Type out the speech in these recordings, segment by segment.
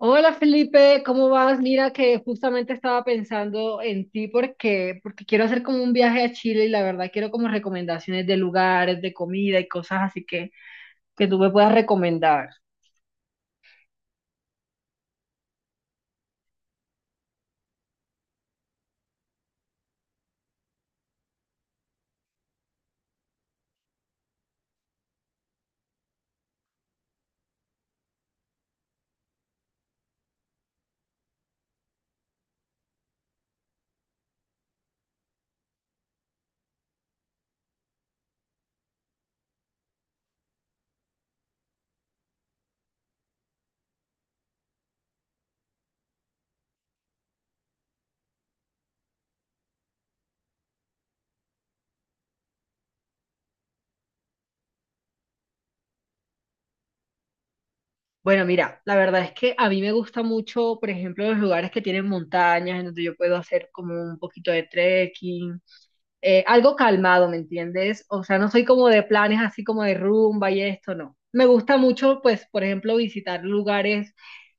Hola Felipe, ¿cómo vas? Mira que justamente estaba pensando en ti porque quiero hacer como un viaje a Chile y la verdad quiero como recomendaciones de lugares, de comida y cosas así que tú me puedas recomendar. Bueno, mira, la verdad es que a mí me gusta mucho, por ejemplo, los lugares que tienen montañas en donde yo puedo hacer como un poquito de trekking, algo calmado, ¿me entiendes? O sea, no soy como de planes así como de rumba y esto, no. Me gusta mucho, pues, por ejemplo, visitar lugares,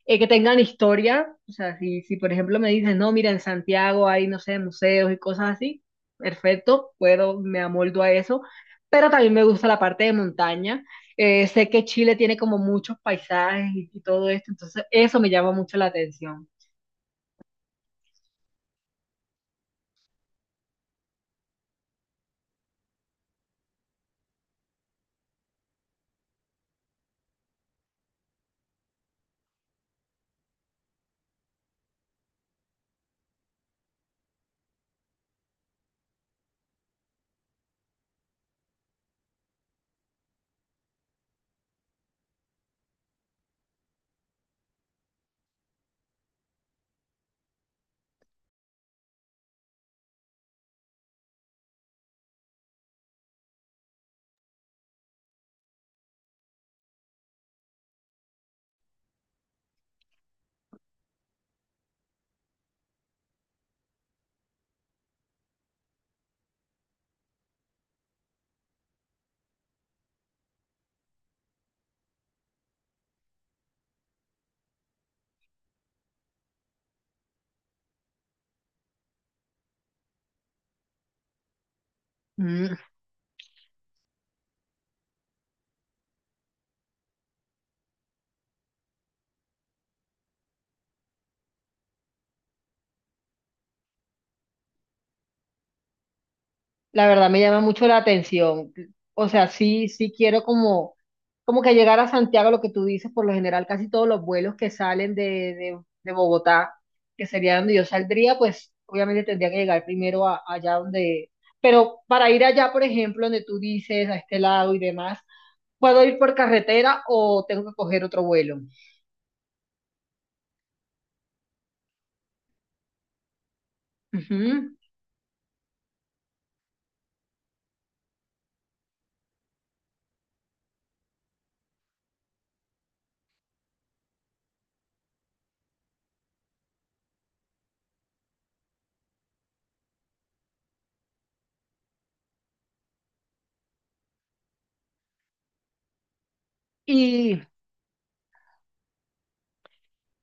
que tengan historia. O sea, si, si, por ejemplo, me dicen, no, mira, en Santiago hay, no sé, museos y cosas así, perfecto, puedo, me amoldo a eso. Pero también me gusta la parte de montaña. Sé que Chile tiene como muchos paisajes y todo esto, entonces eso me llama mucho la atención. La verdad me llama mucho la atención. O sea, sí quiero como, como que llegar a Santiago, lo que tú dices, por lo general casi todos los vuelos que salen de Bogotá, que sería donde yo saldría, pues obviamente tendría que llegar primero a- allá donde... Pero para ir allá, por ejemplo, donde tú dices, a este lado y demás, ¿puedo ir por carretera o tengo que coger otro vuelo? Ujú.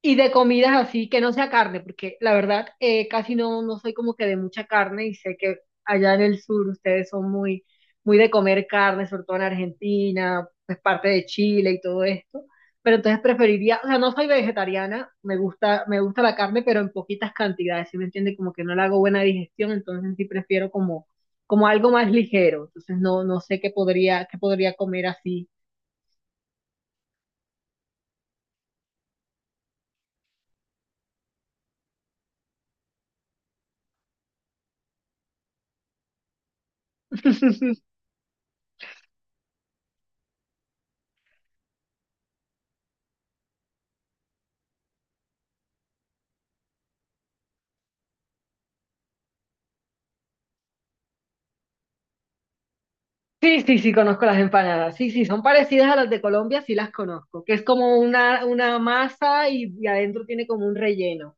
Y de comidas así, que no sea carne, porque la verdad, casi no, no soy como que de mucha carne y sé que allá en el sur ustedes son muy, muy de comer carne, sobre todo en Argentina, pues parte de Chile y todo esto. Pero entonces preferiría, o sea, no soy vegetariana, me gusta la carne, pero en poquitas cantidades, ¿sí me entiende? Como que no le hago buena digestión, entonces sí prefiero como, como algo más ligero. Entonces no, no sé qué podría comer así. Sí, sí, sí, conozco las empanadas. Sí, sí, son parecidas a las de Colombia, sí las conozco, que es como una masa y adentro tiene como un relleno.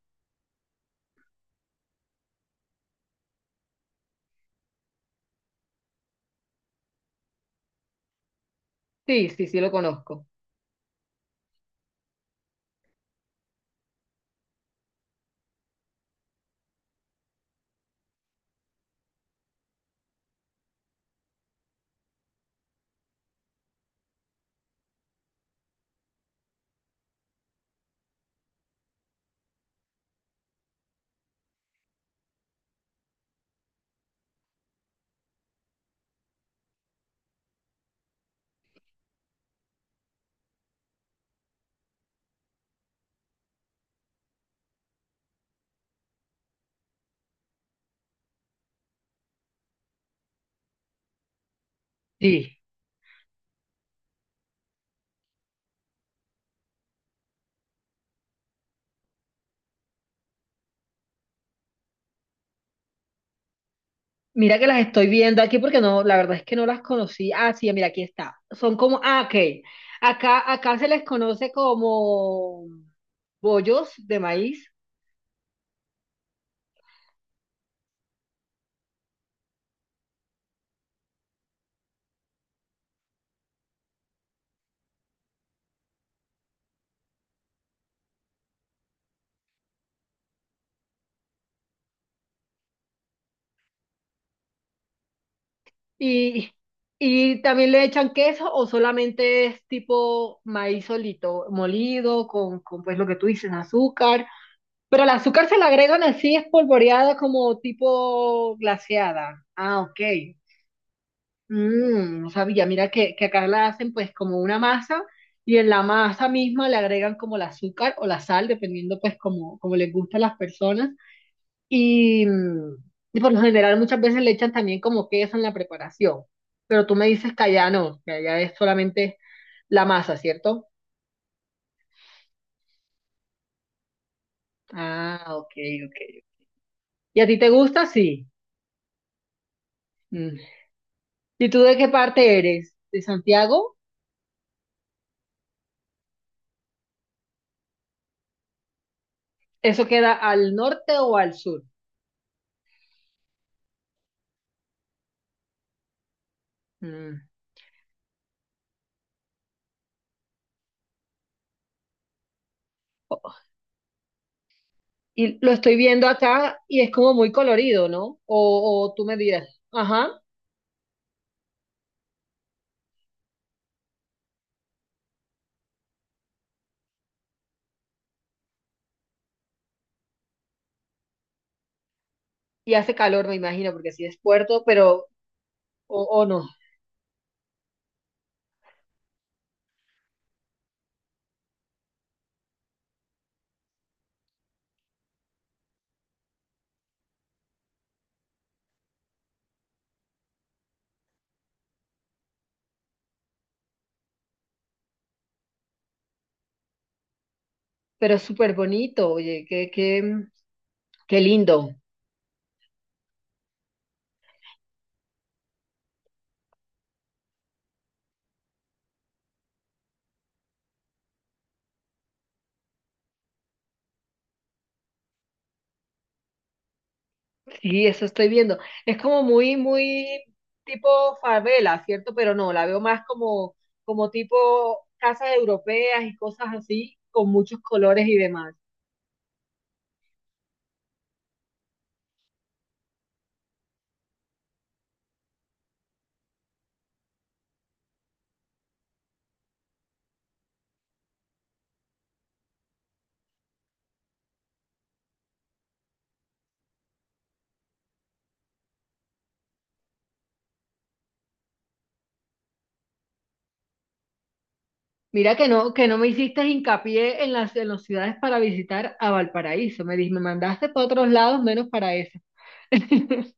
Sí, sí, sí, lo conozco. Sí. Mira que las estoy viendo aquí porque no, la verdad es que no las conocí. Ah, sí, mira, aquí está. Son como, ah, ok. Acá se les conoce como bollos de maíz y, y también le echan queso o solamente es tipo maíz solito, molido, con pues lo que tú dices, azúcar. Pero el azúcar se la agregan así espolvoreada como tipo glaseada. Ah, ok. Mm, no sabía, mira que acá la hacen pues como una masa y en la masa misma le agregan como el azúcar o la sal, dependiendo pues como, como les gusta a las personas. Y, mm, y por lo general muchas veces le echan también como queso en la preparación. Pero tú me dices que allá no, que allá es solamente la masa, ¿cierto? Ah, ok, ok. ¿Y a ti te gusta? Sí. ¿Y tú de qué parte eres? ¿De Santiago? ¿Eso queda al norte o al sur? Mm. Y lo estoy viendo acá y es como muy colorido, ¿no? O tú me dirás, ajá, y hace calor, me imagino, porque sí es puerto, pero, o no, pero es súper bonito, oye, qué lindo. Sí, eso estoy viendo. Es como muy, muy tipo favela, ¿cierto? Pero no, la veo más como, como tipo casas europeas y cosas así, con muchos colores y demás. Mira que no me hiciste hincapié en las ciudades para visitar a Valparaíso. Me dijiste, me mandaste para otros lados menos para esa.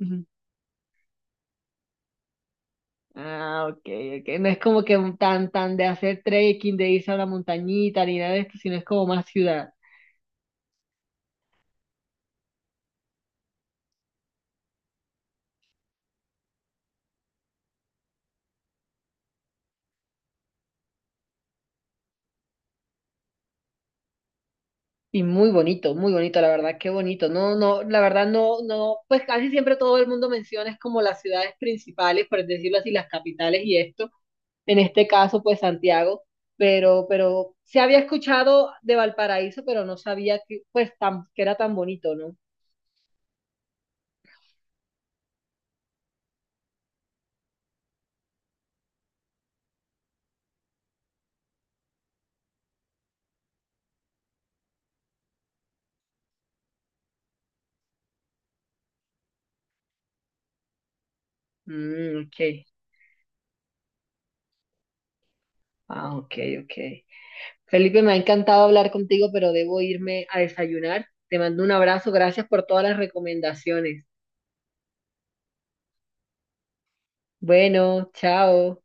Ujú. Ah, ok, ok. No es como que un tan, tan de hacer trekking, de irse a la montañita, ni nada de esto, sino es como más ciudad. Y muy bonito, la verdad, qué bonito. No, no, la verdad no, no, pues casi siempre todo el mundo menciona es como las ciudades principales, por decirlo así, las capitales y esto. En este caso, pues Santiago, pero se había escuchado de Valparaíso, pero no sabía que, pues, tan, que era tan bonito, ¿no? Mm, ok. Ah, ok, ok. Felipe, me ha encantado hablar contigo, pero debo irme a desayunar. Te mando un abrazo, gracias por todas las recomendaciones. Bueno, chao.